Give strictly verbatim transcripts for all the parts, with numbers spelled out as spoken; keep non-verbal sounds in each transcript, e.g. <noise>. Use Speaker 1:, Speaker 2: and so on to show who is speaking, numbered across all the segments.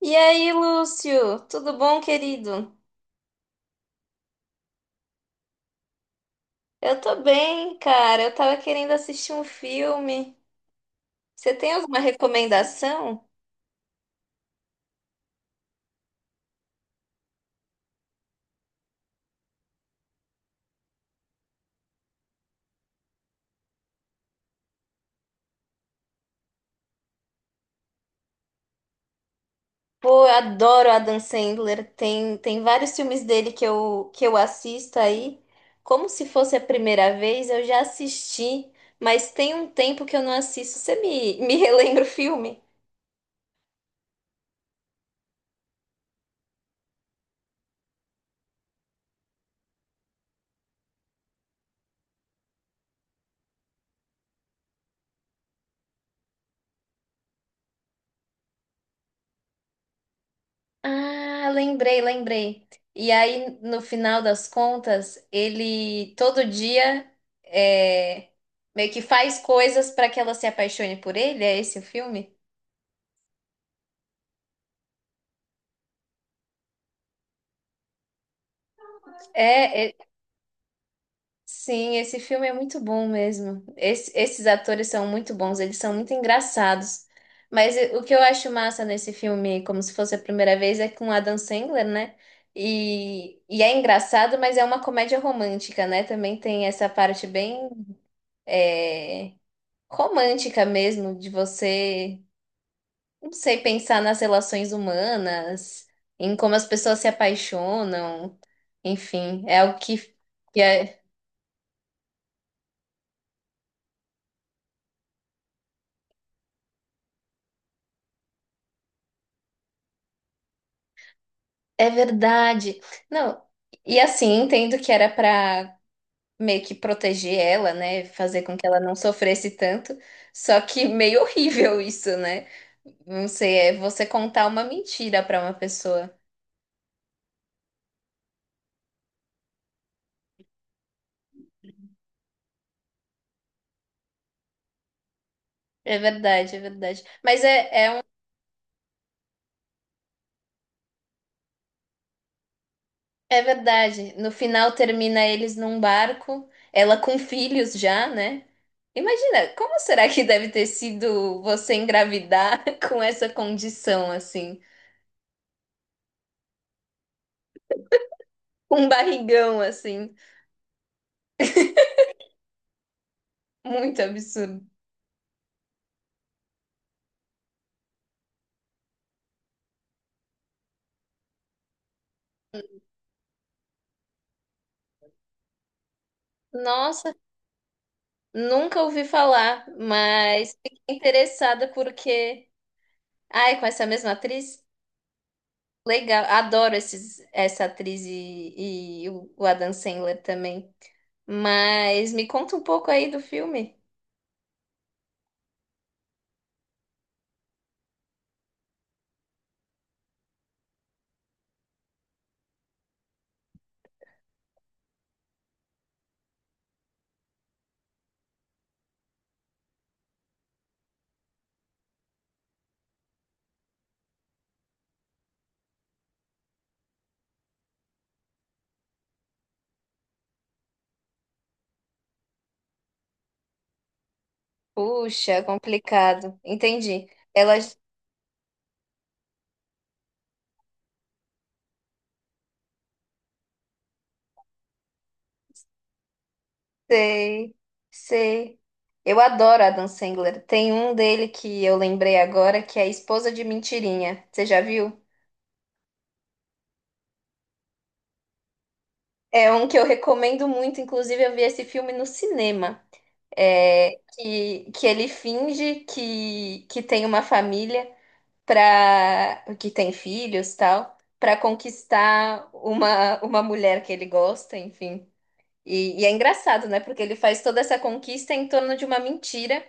Speaker 1: E aí, Lúcio, tudo bom, querido? Eu tô bem, cara. Eu tava querendo assistir um filme. Você tem alguma recomendação? Pô, eu adoro Adam Sandler. Tem, tem vários filmes dele que eu, que eu assisto aí. Como se fosse a primeira vez, eu já assisti, mas tem um tempo que eu não assisto. Você me, <laughs> me relembra o filme? Ah, lembrei, lembrei. E aí, no final das contas, ele todo dia é, meio que faz coisas para que ela se apaixone por ele. É esse o filme? É, é- sim, esse filme é muito bom mesmo. Esse- esses atores são muito bons, eles são muito engraçados. Mas e- o que eu acho massa nesse filme, como se fosse a primeira vez, é com Adam Sandler, né? E, e é engraçado, mas é uma comédia romântica, né? Também tem essa parte bem é, romântica mesmo, de você, não sei, pensar nas relações humanas, em como as pessoas se apaixonam, enfim, é algo que, que é, é verdade. Não, e assim, entendo que era para meio que proteger ela, né, fazer com que ela não sofresse tanto, só que <laughs> meio horrível isso, né? Não sei, é você contar uma mentira para uma pessoa. É verdade, é verdade. Mas é, é É verdade. No final termina eles num barco, ela com filhos já, né? Imagina, como será que deve ter sido você engravidar <laughs> com essa condição assim, com um barrigão assim, muito absurdo. Nossa, nunca ouvi falar, mas fiquei interessada porque, ai, com essa mesma atriz, legal. Adoro esses, essa atriz e, e o o Adam Sandler também. Mas me conta um pouco aí do filme. Puxa, é complicado. Entendi. Elas sei, sei. Eu adoro Adam Sandler. Tem um dele que eu lembrei agora que é Esposa de Mentirinha. Você já viu? É um que eu recomendo muito. Inclusive, eu vi esse filme no cinema. É, que, que ele finge que, que tem uma família para que tem filhos, tal, para conquistar uma, uma mulher que ele gosta, enfim. E, e é engraçado, né? Porque ele faz toda essa conquista em torno de uma mentira,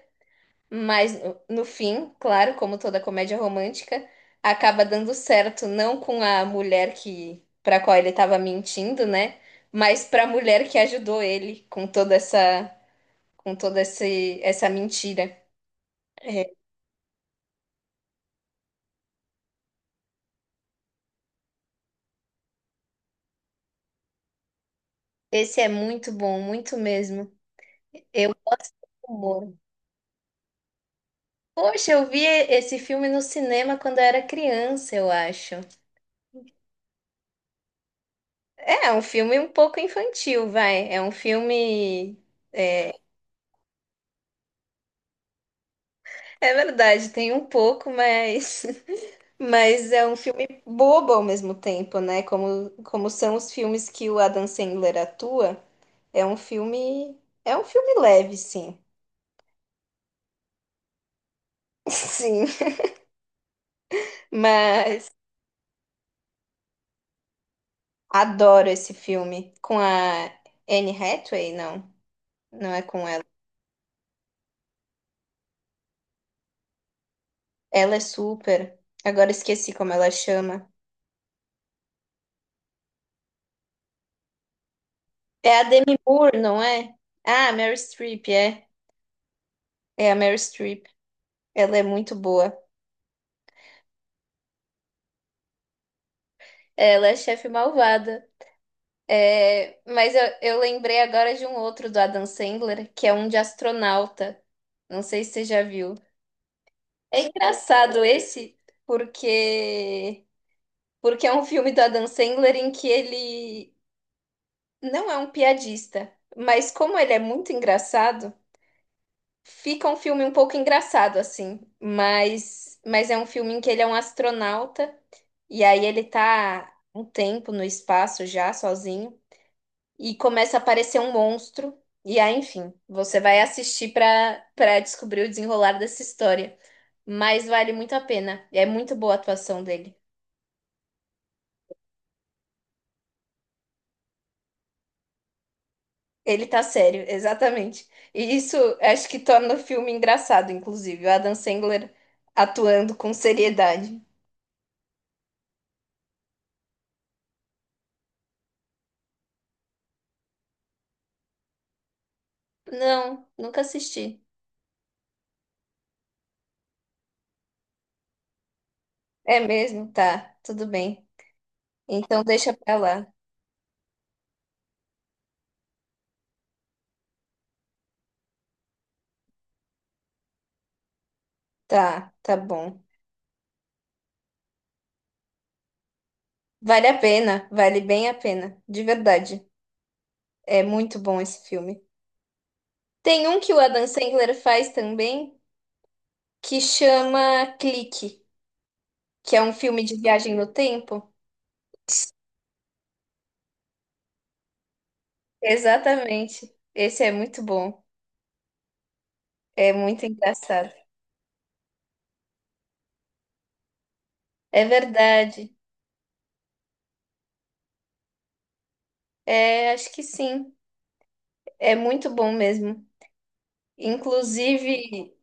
Speaker 1: mas no, no fim, claro, como toda comédia romântica, acaba dando certo, não com a mulher que para qual ele estava mentindo, né? Mas para a mulher que ajudou ele com toda essa com toda esse, essa mentira. É, esse é muito bom, muito mesmo. Eu gosto do humor. Poxa, eu vi esse filme no cinema quando eu era criança, eu acho. É, é um filme um pouco infantil, vai. É um filme. É, é verdade, tem um pouco, mas. <laughs> Mas é um filme bobo ao mesmo tempo, né? Como, como são os filmes que o Adam Sandler atua. É um filme. É um filme leve, sim. <laughs> Sim. Mas adoro esse filme. Com a Anne Hathaway, não. Não é com ela. Ela é super. Agora esqueci como ela chama. É a Demi Moore, não é? Ah, Meryl Streep, é. É a Meryl Streep. Ela é muito boa. Ela é chefe malvada. É, mas eu, eu lembrei agora de um outro do Adam Sandler, que é um de astronauta. Não sei se você já viu. É engraçado esse, porque porque é um filme do Adam Sandler em que ele não é um piadista, mas como ele é muito engraçado, fica um filme um pouco engraçado, assim, mas, mas é um filme em que ele é um astronauta, e aí ele tá um tempo no espaço já, sozinho, e começa a aparecer um monstro, e aí, enfim, você vai assistir pra para descobrir o desenrolar dessa história. Mas vale muito a pena, e é muito boa a atuação dele. Ele tá sério, <laughs> exatamente. E isso acho que torna o filme engraçado, inclusive, o Adam Sandler atuando com seriedade. Não, nunca assisti. É mesmo? Tá, tudo bem. Então deixa pra lá. Tá, tá bom. Vale a pena, vale bem a pena, de verdade. É muito bom esse filme. Tem um que o Adam Sandler faz também, que chama Clique, que é um filme de viagem no tempo. Exatamente. Esse é muito bom. É muito engraçado. É verdade. É, acho que sim. É muito bom mesmo. Inclusive,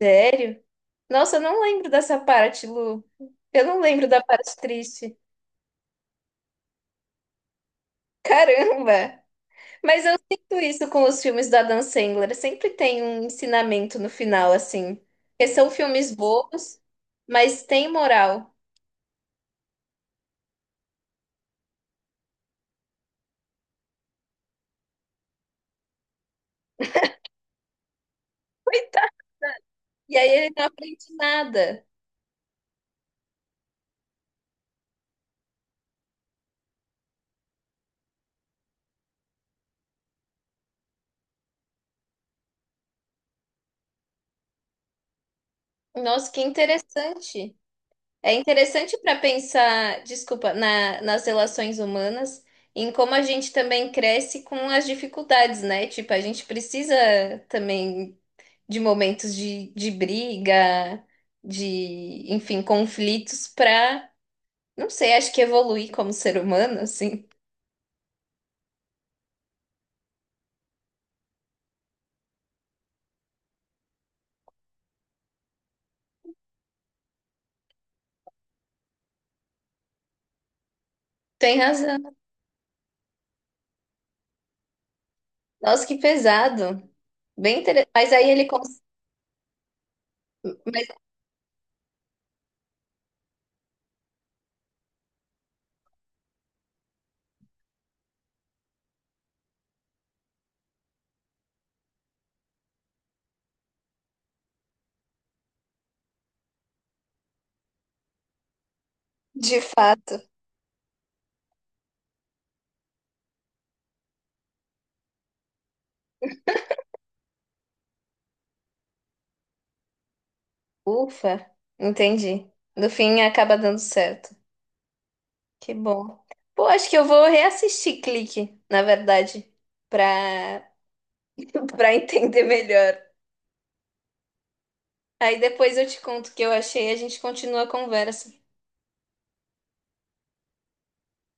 Speaker 1: sério? Nossa, eu não lembro dessa parte, Lu. Eu não lembro da parte triste. Caramba! Mas eu sinto isso com os filmes do Adam Sandler. Sempre tem um ensinamento no final, assim. Porque são filmes bobos, mas tem moral. Coitado. E aí ele não aprende nada. Nossa, que interessante. É interessante para pensar, desculpa, na- nas relações humanas, em como a gente também cresce com as dificuldades, né? Tipo, a gente precisa também de momentos de, de briga, de, enfim, conflitos para, não sei, acho que evoluir como ser humano, assim. Tem razão. Nossa, que pesado. Bem interessante. Mas aí ele, cons- mas de fato, ufa, entendi. No fim acaba dando certo. Que bom. Pô, acho que eu vou reassistir Clique, na verdade, pra, <laughs> pra entender melhor. Aí depois eu te conto o que eu achei e a gente continua a conversa.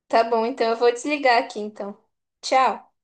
Speaker 1: Tá bom, então eu vou desligar aqui então. Tchau.